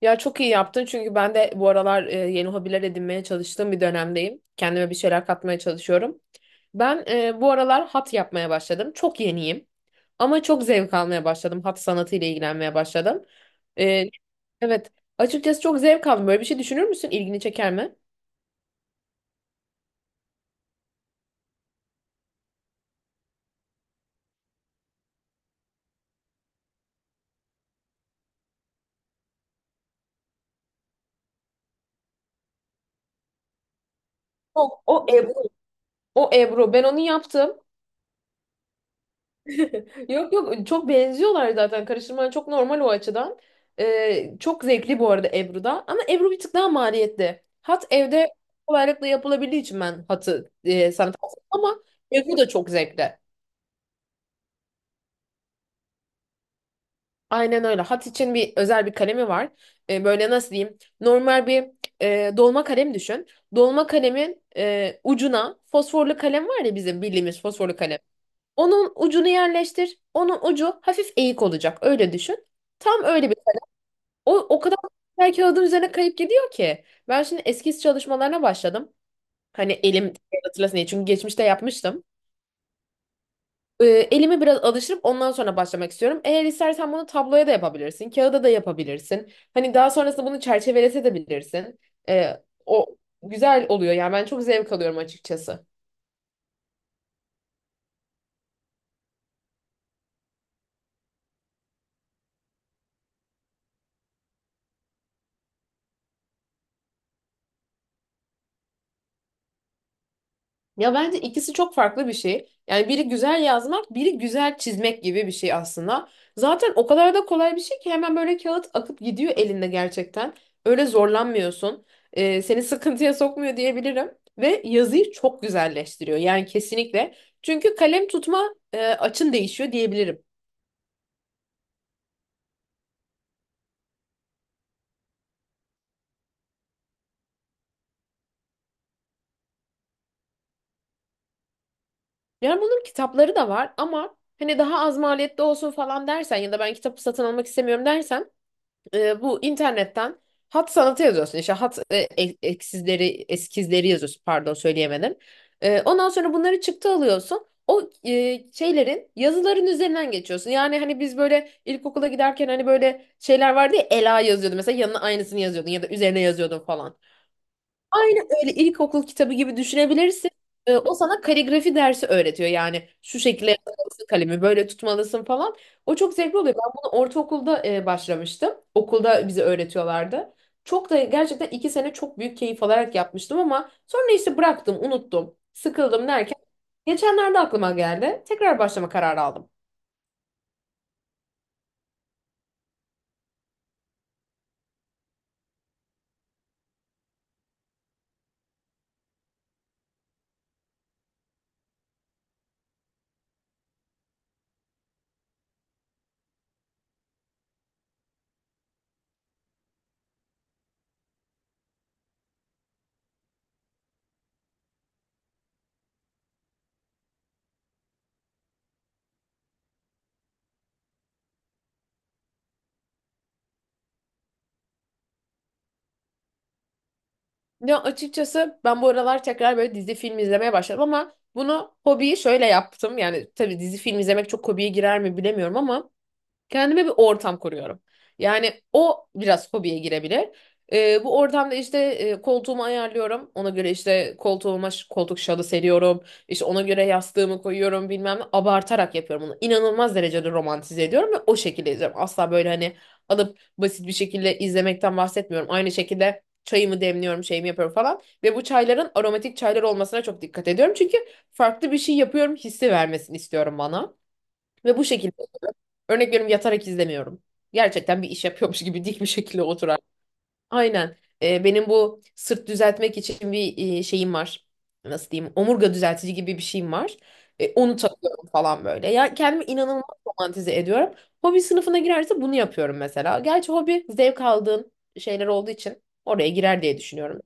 Ya çok iyi yaptın çünkü ben de bu aralar yeni hobiler edinmeye çalıştığım bir dönemdeyim. Kendime bir şeyler katmaya çalışıyorum. Ben bu aralar hat yapmaya başladım. Çok yeniyim ama çok zevk almaya başladım. Hat sanatıyla ilgilenmeye başladım. E, evet, açıkçası çok zevk aldım. Böyle bir şey düşünür müsün? İlgini çeker mi? Yok, o Ebru. O Ebru. Ben onu yaptım. Yok yok, çok benziyorlar zaten, karıştırman çok normal o açıdan. Çok zevkli bu arada Ebru'da, ama Ebru bir tık daha maliyetli. Hat evde kolaylıkla yapılabildiği için ben hatı sana tavsiye ederim. Ama Ebru da çok zevkli. Aynen öyle. Hat için bir özel bir kalemi var. Böyle nasıl diyeyim? Normal bir dolma kalem düşün. Dolma kalemin ucuna, fosforlu kalem var ya bizim bildiğimiz fosforlu kalem. Onun ucunu yerleştir. Onun ucu hafif eğik olacak. Öyle düşün. Tam öyle bir O kadar her kağıdın üzerine kayıp gidiyor ki. Ben şimdi eskiz çalışmalarına başladım. Hani elim hatırlasın diye. Çünkü geçmişte yapmıştım. Elimi biraz alıştırıp ondan sonra başlamak istiyorum. Eğer istersen bunu tabloya da yapabilirsin. Kağıda da yapabilirsin. Hani daha sonrasında bunu çerçevelese de bilirsin. O güzel oluyor. Yani ben çok zevk alıyorum açıkçası. Ya bence ikisi çok farklı bir şey. Yani biri güzel yazmak, biri güzel çizmek gibi bir şey aslında. Zaten o kadar da kolay bir şey ki hemen böyle kağıt akıp gidiyor elinde gerçekten. Öyle zorlanmıyorsun. Seni sıkıntıya sokmuyor diyebilirim. Ve yazıyı çok güzelleştiriyor. Yani kesinlikle. Çünkü kalem tutma açın değişiyor diyebilirim. Yani bunun kitapları da var, ama hani daha az maliyetli olsun falan dersen ya da ben kitabı satın almak istemiyorum dersen, bu internetten hat sanatı yazıyorsun. İşte hat eksizleri, eskizleri yazıyorsun. Pardon söyleyemedim. Ondan sonra bunları çıktı alıyorsun. O şeylerin, yazıların üzerinden geçiyorsun. Yani hani biz böyle ilkokula giderken hani böyle şeyler vardı ya, Ela yazıyordu mesela, yanına aynısını yazıyordun ya da üzerine yazıyordun falan. Aynen öyle, ilkokul kitabı gibi düşünebilirsin. O sana kaligrafi dersi öğretiyor. Yani şu şekilde yapmalısın kalemi, böyle tutmalısın falan. O çok zevkli oluyor. Ben bunu ortaokulda başlamıştım. Okulda bize öğretiyorlardı. Çok da gerçekten iki sene çok büyük keyif alarak yapmıştım, ama sonra işte bıraktım, unuttum, sıkıldım derken geçenlerde aklıma geldi. Tekrar başlama kararı aldım. Ya açıkçası ben bu aralar tekrar böyle dizi film izlemeye başladım, ama bunu, hobiyi şöyle yaptım. Yani tabii dizi film izlemek çok hobiye girer mi bilemiyorum ama kendime bir ortam kuruyorum. Yani o biraz hobiye girebilir. Bu ortamda işte koltuğumu ayarlıyorum. Ona göre işte koltuğuma koltuk şalı seriyorum. İşte ona göre yastığımı koyuyorum bilmem ne. Abartarak yapıyorum bunu. İnanılmaz derecede romantize ediyorum ve o şekilde izliyorum. Asla böyle hani alıp basit bir şekilde izlemekten bahsetmiyorum. Aynı şekilde çayımı demliyorum, şeyimi yapıyorum falan. Ve bu çayların aromatik çaylar olmasına çok dikkat ediyorum. Çünkü farklı bir şey yapıyorum hissi vermesini istiyorum bana. Ve bu şekilde, örnek veriyorum, yatarak izlemiyorum. Gerçekten bir iş yapıyormuş gibi dik bir şekilde oturar. Aynen. Benim bu sırt düzeltmek için bir şeyim var. Nasıl diyeyim? Omurga düzeltici gibi bir şeyim var. Onu takıyorum falan böyle. Ya kendimi inanılmaz romantize ediyorum. Hobi sınıfına girerse bunu yapıyorum mesela. Gerçi hobi zevk aldığın şeyler olduğu için oraya girer diye düşünüyorum.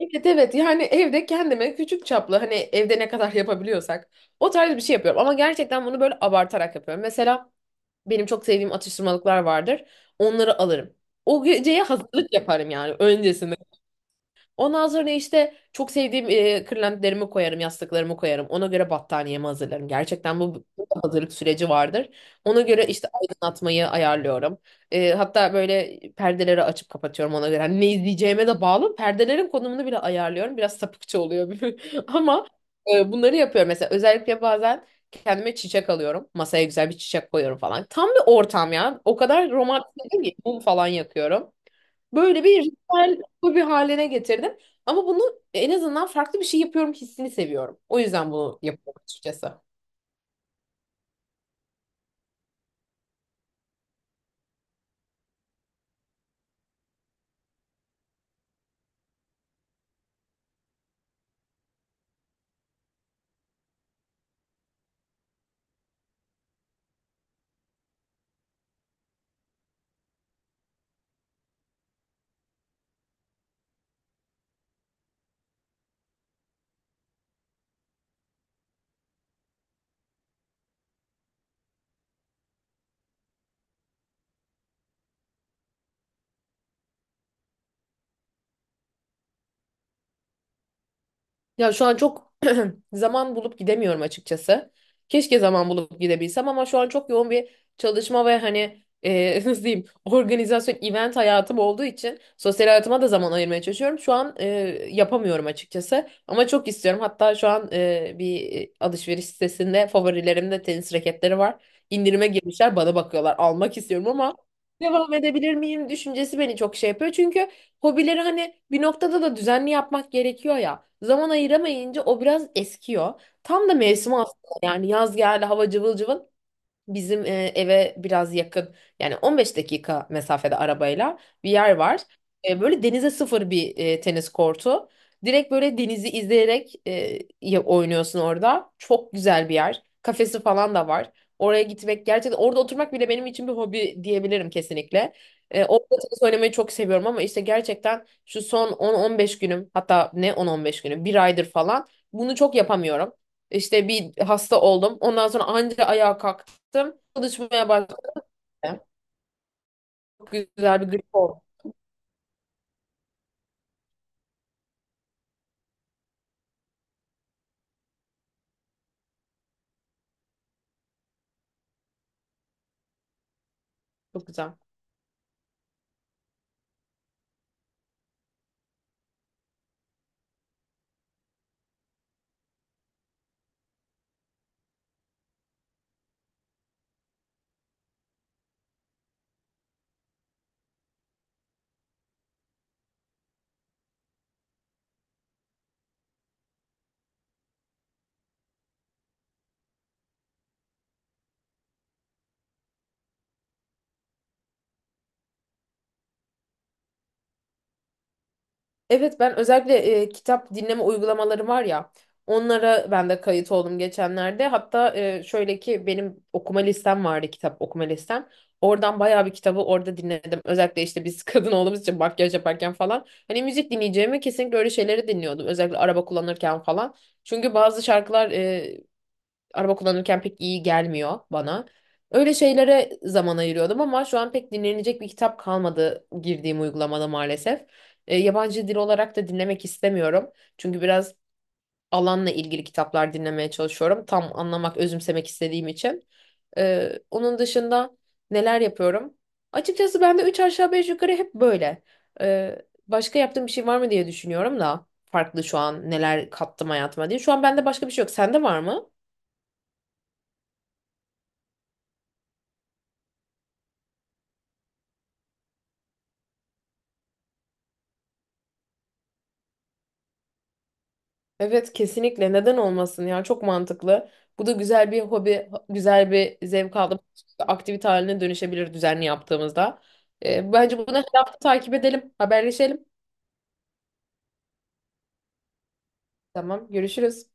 Evet evet, yani evde kendime küçük çaplı, hani evde ne kadar yapabiliyorsak, o tarz bir şey yapıyorum. Ama gerçekten bunu böyle abartarak yapıyorum. Mesela benim çok sevdiğim atıştırmalıklar vardır. Onları alırım. O geceye hazırlık yaparım yani öncesinde. Ondan sonra işte çok sevdiğim kırlentlerimi koyarım, yastıklarımı koyarım. Ona göre battaniyemi hazırlarım. Gerçekten bu bir hazırlık süreci vardır. Ona göre işte aydınlatmayı ayarlıyorum. Hatta böyle perdeleri açıp kapatıyorum ona göre. Hani ne izleyeceğime de bağlı. Perdelerin konumunu bile ayarlıyorum. Biraz sapıkça oluyor ama bunları yapıyorum. Mesela özellikle bazen kendime çiçek alıyorum. Masaya güzel bir çiçek koyuyorum falan. Tam bir ortam ya. O kadar romantik değil ki. Mum falan yakıyorum. Böyle bir ritüel bir haline getirdim. Ama bunu, en azından farklı bir şey yapıyorum hissini seviyorum. O yüzden bunu yapıyorum açıkçası. Ya şu an çok zaman bulup gidemiyorum açıkçası. Keşke zaman bulup gidebilsem, ama şu an çok yoğun bir çalışma ve hani nasıl diyeyim, organizasyon, event hayatım olduğu için sosyal hayatıma da zaman ayırmaya çalışıyorum. Şu an yapamıyorum açıkçası, ama çok istiyorum. Hatta şu an bir alışveriş sitesinde favorilerimde tenis raketleri var. İndirime girmişler, bana bakıyorlar, almak istiyorum ama devam edebilir miyim düşüncesi beni çok şey yapıyor. Çünkü hobileri hani bir noktada da düzenli yapmak gerekiyor ya. Zaman ayıramayınca o biraz eskiyor. Tam da mevsimi aslında, yani yaz geldi, hava cıvıl cıvıl. Bizim eve biraz yakın, yani 15 dakika mesafede arabayla, bir yer var. Böyle denize sıfır bir tenis kortu. Direkt böyle denizi izleyerek oynuyorsun orada. Çok güzel bir yer. Kafesi falan da var. Oraya gitmek, gerçekten orada oturmak bile benim için bir hobi diyebilirim kesinlikle. Orada tenis oynamayı çok seviyorum, ama işte gerçekten şu son 10-15 günüm, hatta ne 10-15 günüm, bir aydır falan bunu çok yapamıyorum. İşte bir hasta oldum. Ondan sonra anca ayağa kalktım, yaptım. Çalışmaya başladım. Çok güzel bir grip oldu. Çok güzel. Evet ben özellikle kitap dinleme uygulamaları var ya, onlara ben de kayıt oldum geçenlerde. Hatta şöyle ki benim okuma listem vardı, kitap okuma listem. Oradan bayağı bir kitabı orada dinledim. Özellikle işte biz kadın olduğumuz için makyaj yaparken falan. Hani müzik dinleyeceğime kesinlikle öyle şeyleri dinliyordum. Özellikle araba kullanırken falan. Çünkü bazı şarkılar araba kullanırken pek iyi gelmiyor bana. Öyle şeylere zaman ayırıyordum, ama şu an pek dinlenecek bir kitap kalmadı girdiğim uygulamada maalesef. Yabancı dil olarak da dinlemek istemiyorum. Çünkü biraz alanla ilgili kitaplar dinlemeye çalışıyorum. Tam anlamak, özümsemek istediğim için. Onun dışında neler yapıyorum? Açıkçası ben de üç aşağı beş yukarı hep böyle. Ee, başka yaptığım bir şey var mı diye düşünüyorum da, farklı şu an neler kattım hayatıma diye. Şu an bende başka bir şey yok. Sende var mı? Evet kesinlikle, neden olmasın ya, çok mantıklı. Bu da güzel bir hobi, güzel bir zevk aldığımız aktivite haline dönüşebilir düzenli yaptığımızda. Bence bunu her hafta takip edelim, haberleşelim. Tamam, görüşürüz.